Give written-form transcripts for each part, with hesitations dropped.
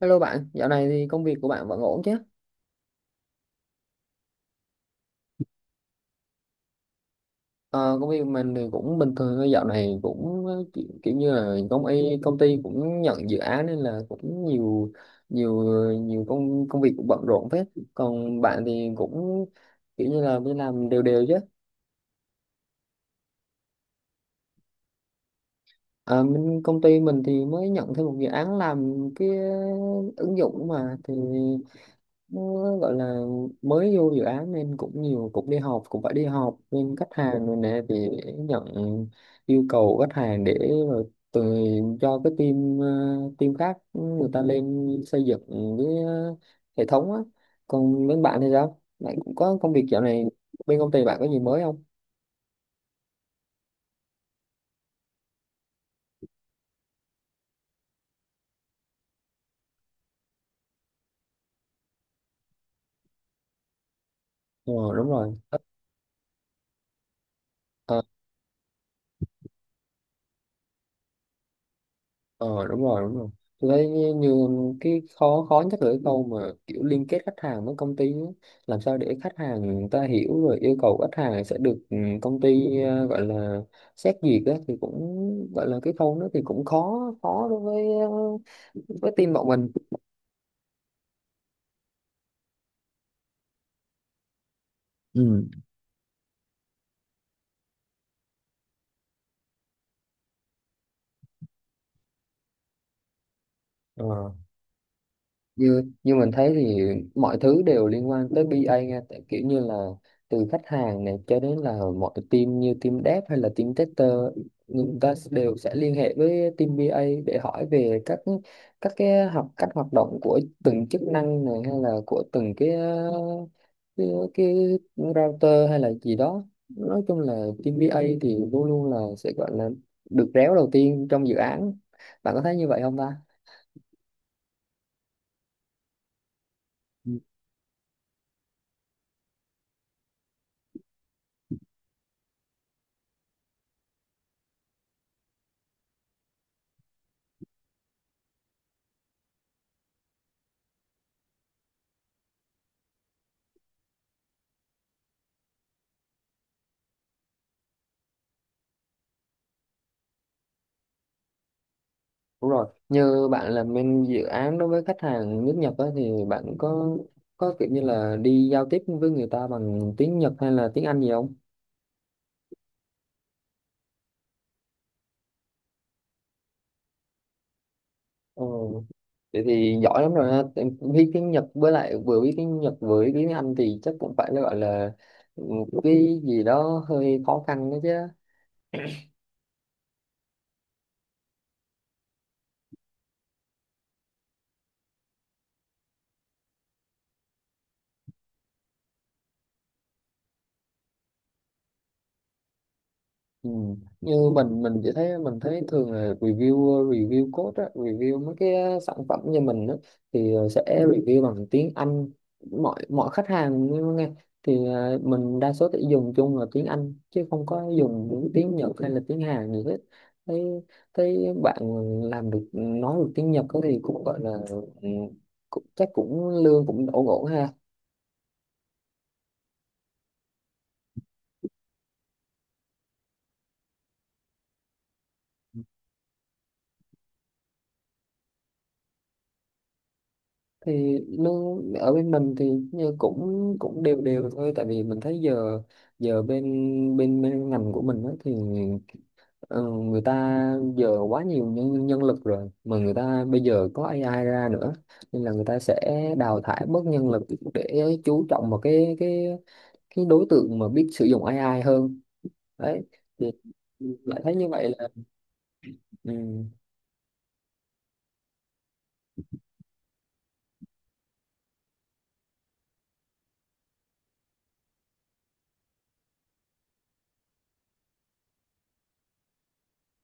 Hello bạn, dạo này thì công việc của bạn vẫn ổn chứ? Ờ, công việc mình thì cũng bình thường thôi, dạo này cũng kiểu như là công ty cũng nhận dự án nên là cũng nhiều nhiều nhiều công công việc cũng bận rộn phết. Còn bạn thì cũng kiểu như là đi làm đều đều chứ? Công ty mình thì mới nhận thêm một dự án làm cái ứng dụng mà thì nó gọi là mới vô dự án, nên cũng nhiều, cũng đi học, cũng phải đi học bên khách hàng rồi nè, thì để nhận yêu cầu khách hàng để rồi từ cho cái team team khác người ta lên xây dựng cái hệ thống á. Còn bên bạn thì sao, bạn cũng có công việc dạo này, bên công ty bạn có gì mới không? Ờ Đúng rồi. Ờ Đúng rồi, đúng rồi. Tôi thấy như cái khó khó nhất là cái câu mà kiểu liên kết khách hàng với công ty á. Làm sao để khách hàng người ta hiểu rồi yêu cầu khách hàng sẽ được, công ty gọi là xét duyệt á thì cũng gọi là cái khâu đó thì cũng khó khó đối với với team bọn mình. Ừ. Ờ. như như mình thấy thì mọi thứ đều liên quan tới BA nha, tại kiểu như là từ khách hàng này cho đến là mọi team như team dev hay là team tester, người ta đều sẽ liên hệ với team BA để hỏi về các cái học cách hoạt động của từng chức năng này hay là của từng cái uh, cái, cái router hay là gì đó. Nói chung là team BA thì luôn luôn là sẽ gọi là được réo đầu tiên trong dự án. Bạn có thấy như vậy không ta? Đúng rồi, như bạn làm bên dự án đối với khách hàng nước Nhật á, thì bạn có kiểu như là đi giao tiếp với người ta bằng tiếng Nhật hay là tiếng Anh gì không? Ờ, Vậy thì giỏi lắm rồi ha. Tại biết tiếng Nhật, với lại vừa biết tiếng Nhật vừa biết tiếng Anh thì chắc cũng phải là gọi là ừ, cái gì đó hơi khó khăn đó chứ. Ừ. Như mình chỉ thấy, mình thấy thường là review review code á, review mấy cái sản phẩm như mình á, thì sẽ review bằng tiếng Anh, mọi mọi khách hàng nghe, thì à, mình đa số sẽ dùng chung là tiếng Anh chứ không có dùng những tiếng Nhật hay là tiếng Hàn gì hết. Thấy thấy bạn làm được, nói được tiếng Nhật á thì cũng gọi là ừ, cũng, chắc cũng lương cũng đổ ổn ha. Thì nó ở bên mình thì như cũng cũng đều đều thôi, tại vì mình thấy giờ giờ bên bên, bên ngành của mình á, thì ờ, người ta giờ quá nhiều nhân nhân lực rồi, mà người ta bây giờ có AI ra nữa, nên là người ta sẽ đào thải bớt nhân lực để chú trọng vào cái đối tượng mà biết sử dụng AI hơn đấy. Thì lại thấy như vậy là. Ừ.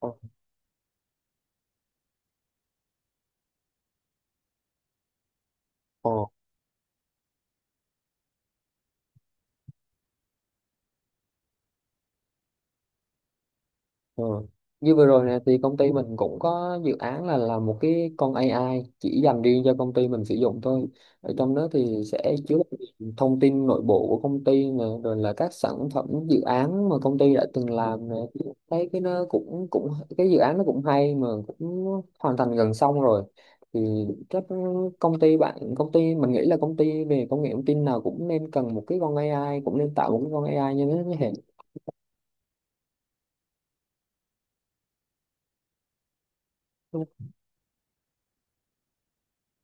Ờ, ờ. Ừ. Như vừa rồi nè thì công ty mình cũng có dự án là làm một cái con AI chỉ dành riêng cho công ty mình sử dụng thôi. Ở trong đó thì sẽ chứa đựng thông tin nội bộ của công ty nè, rồi là các sản phẩm dự án mà công ty đã từng làm nè. Thấy cái nó cũng cũng, cái dự án nó cũng hay, mà cũng hoàn thành gần xong rồi. Thì chắc công ty bạn, công ty mình nghĩ là công ty về công nghệ thông tin nào cũng nên cần một cái con AI, cũng nên tạo một cái con AI như thế này.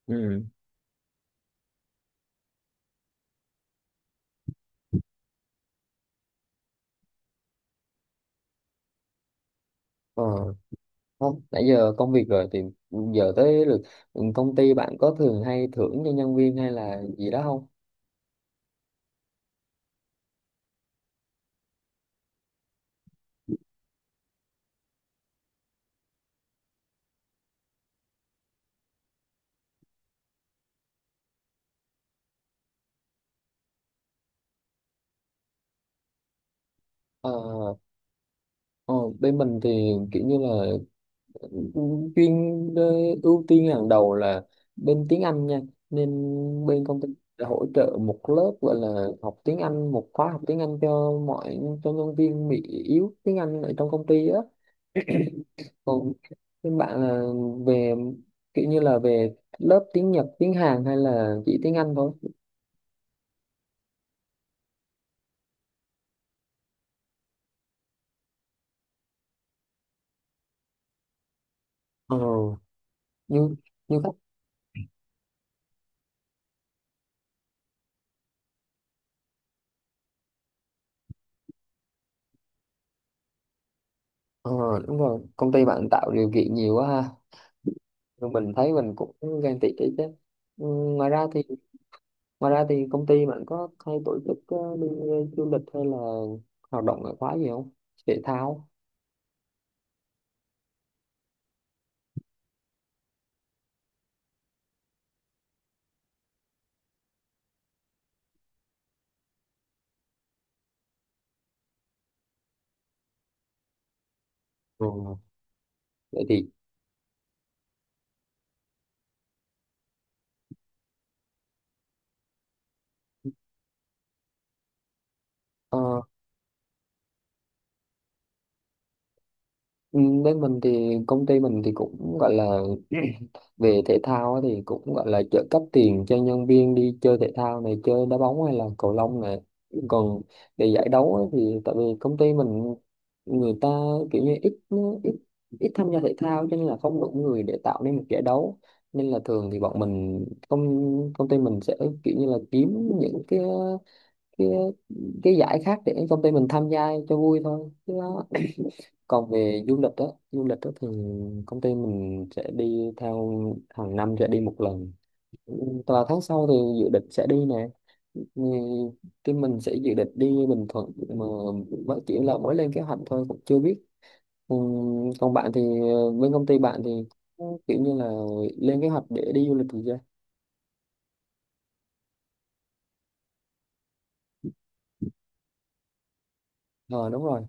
Ừ. Ờ. Không, nãy giờ công việc rồi thì giờ tới lượt, công ty bạn có thường hay thưởng cho nhân viên hay là gì đó không? ờ, ờ, Bên mình thì kiểu như là ừ, chuyên ờ, ưu tiên hàng đầu là bên tiếng Anh nha, nên bên công ty đã hỗ trợ một lớp gọi là học tiếng Anh, một khóa học tiếng Anh cho cho nhân viên bị yếu tiếng Anh ở trong công ty á. Còn bên bạn là về kiểu như là về lớp tiếng Nhật, tiếng Hàn hay là chỉ tiếng Anh thôi? Ờ. như như khách. ờ Đúng rồi, công ty bạn tạo điều kiện nhiều quá ha. Rồi mình thấy mình cũng ghen tị đấy chứ. Ừ, ngoài ra thì, ngoài ra thì công ty bạn có hay tổ chức đi du lịch hay là hoạt động ngoại khóa gì không, thể thao? Ừ. Vậy thì ờ, Ừ, bên mình thì công ty mình thì cũng gọi là về thể thao á thì cũng gọi là trợ cấp tiền cho nhân viên đi chơi thể thao này, chơi đá bóng hay là cầu lông này. Còn để giải đấu á thì tại vì công ty mình người ta kiểu như ít ít ít tham gia thể thao cho nên là không đủ người để tạo nên một giải đấu, nên là thường thì bọn mình, công công ty mình sẽ kiểu như là kiếm những cái cái cái giải khác để công ty mình tham gia cho vui thôi chứ. Còn về du lịch đó, du lịch đó thì công ty mình sẽ đi theo, hàng năm sẽ đi một lần, và tháng sau thì dự định sẽ đi nè. Ừ, cái mình sẽ dự định đi Bình Thuận, mà mới chỉ là mới lên kế hoạch thôi cũng chưa biết. Ừ, còn bạn thì, bên công ty bạn thì kiểu như là lên kế hoạch để đi du lịch thì chưa? Ờ Đúng rồi.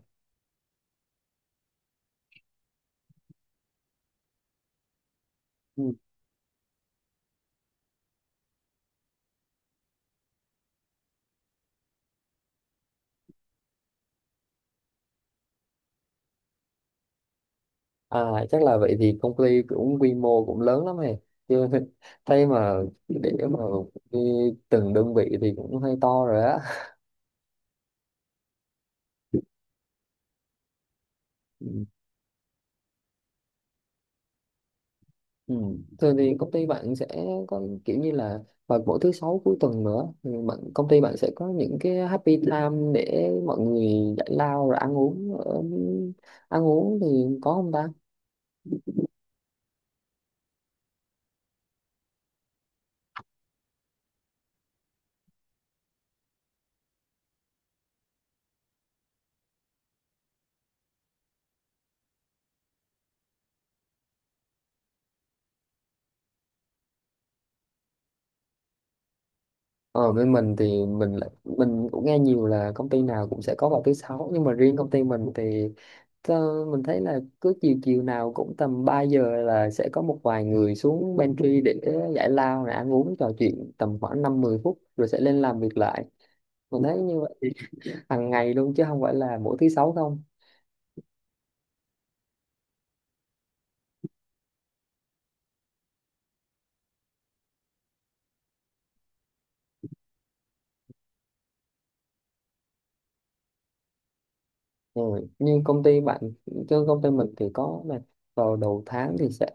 À, chắc là vậy thì công ty cũng quy mô cũng lớn lắm này chứ. Thấy mà, để mà đi từng đơn vị thì cũng hơi to rồi á. Ừ. Ừ. Thường thì công ty bạn sẽ có kiểu như là, vào mỗi thứ sáu cuối tuần nữa thì bạn, công ty bạn sẽ có những cái happy time để mọi người giải lao rồi ăn uống ăn uống thì có không ta? Ở bên mình thì mình cũng nghe nhiều là công ty nào cũng sẽ có vào thứ sáu, nhưng mà riêng công ty mình thì mình thấy là cứ chiều chiều nào cũng tầm 3 giờ là sẽ có một vài người xuống pantry để giải lao rồi ăn uống trò chuyện tầm khoảng năm mười phút rồi sẽ lên làm việc lại. Mình thấy như vậy hàng ngày luôn chứ không phải là mỗi thứ sáu không. Rồi, nhưng công ty bạn, chứ công ty mình thì có là vào đầu tháng thì sẽ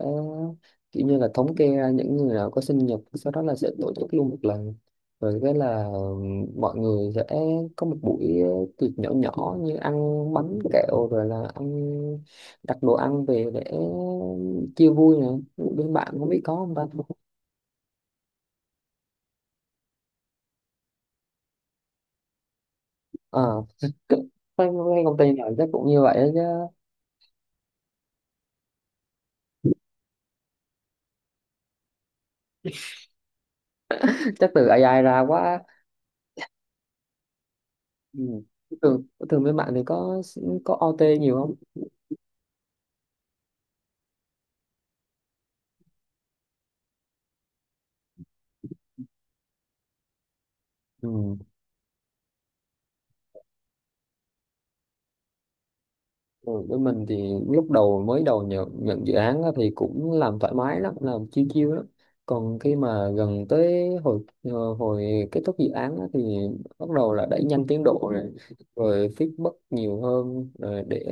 kiểu như là thống kê ra những người nào có sinh nhật, sau đó là sẽ tổ chức luôn một lần, rồi cái là mọi người sẽ có một buổi tiệc nhỏ nhỏ, như ăn bánh kẹo rồi là ăn, đặt đồ ăn về để chia vui nè. Bên bạn không biết có không ta? Ờ. À, cái công ty nào chắc cũng như vậy đó chứ. Chắc từ AI ra quá. Ừ. Thường, thường bên bạn thì có OT nhiều không? Ừ. Ừ, với mình thì lúc đầu mới đầu, nhận dự án á thì cũng làm thoải mái lắm, làm chiêu chiêu lắm. Còn khi mà gần tới hồi hồi kết thúc dự án á thì bắt đầu là đẩy nhanh tiến độ rồi, rồi feedback nhiều hơn, rồi để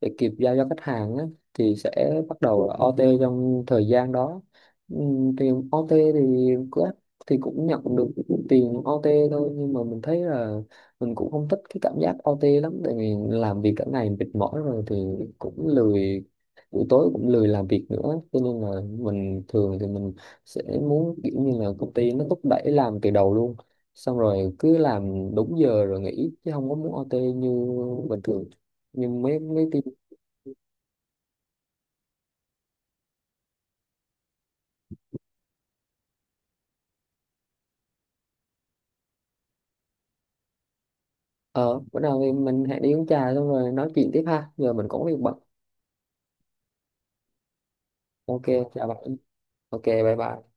kịp giao cho khách hàng á thì sẽ bắt đầu là OT trong thời gian đó. Ừ, tiền OT thì cứ, thì cũng nhận được tiền OT thôi, nhưng mà mình thấy là mình cũng không thích cái cảm giác OT lắm, tại vì làm việc cả ngày mệt mỏi rồi thì cũng lười, buổi tối cũng lười làm việc nữa, cho nên là mình thường thì mình sẽ muốn kiểu như là công ty nó thúc đẩy làm từ đầu luôn, xong rồi cứ làm đúng giờ rồi nghỉ chứ không có muốn OT như bình thường. Nhưng mấy mấy team. Ờ Bữa nào thì mình hãy đi uống trà xong rồi nói chuyện tiếp ha, giờ mình cũng có việc bận. Ok, chào bạn. Ok, bye bye.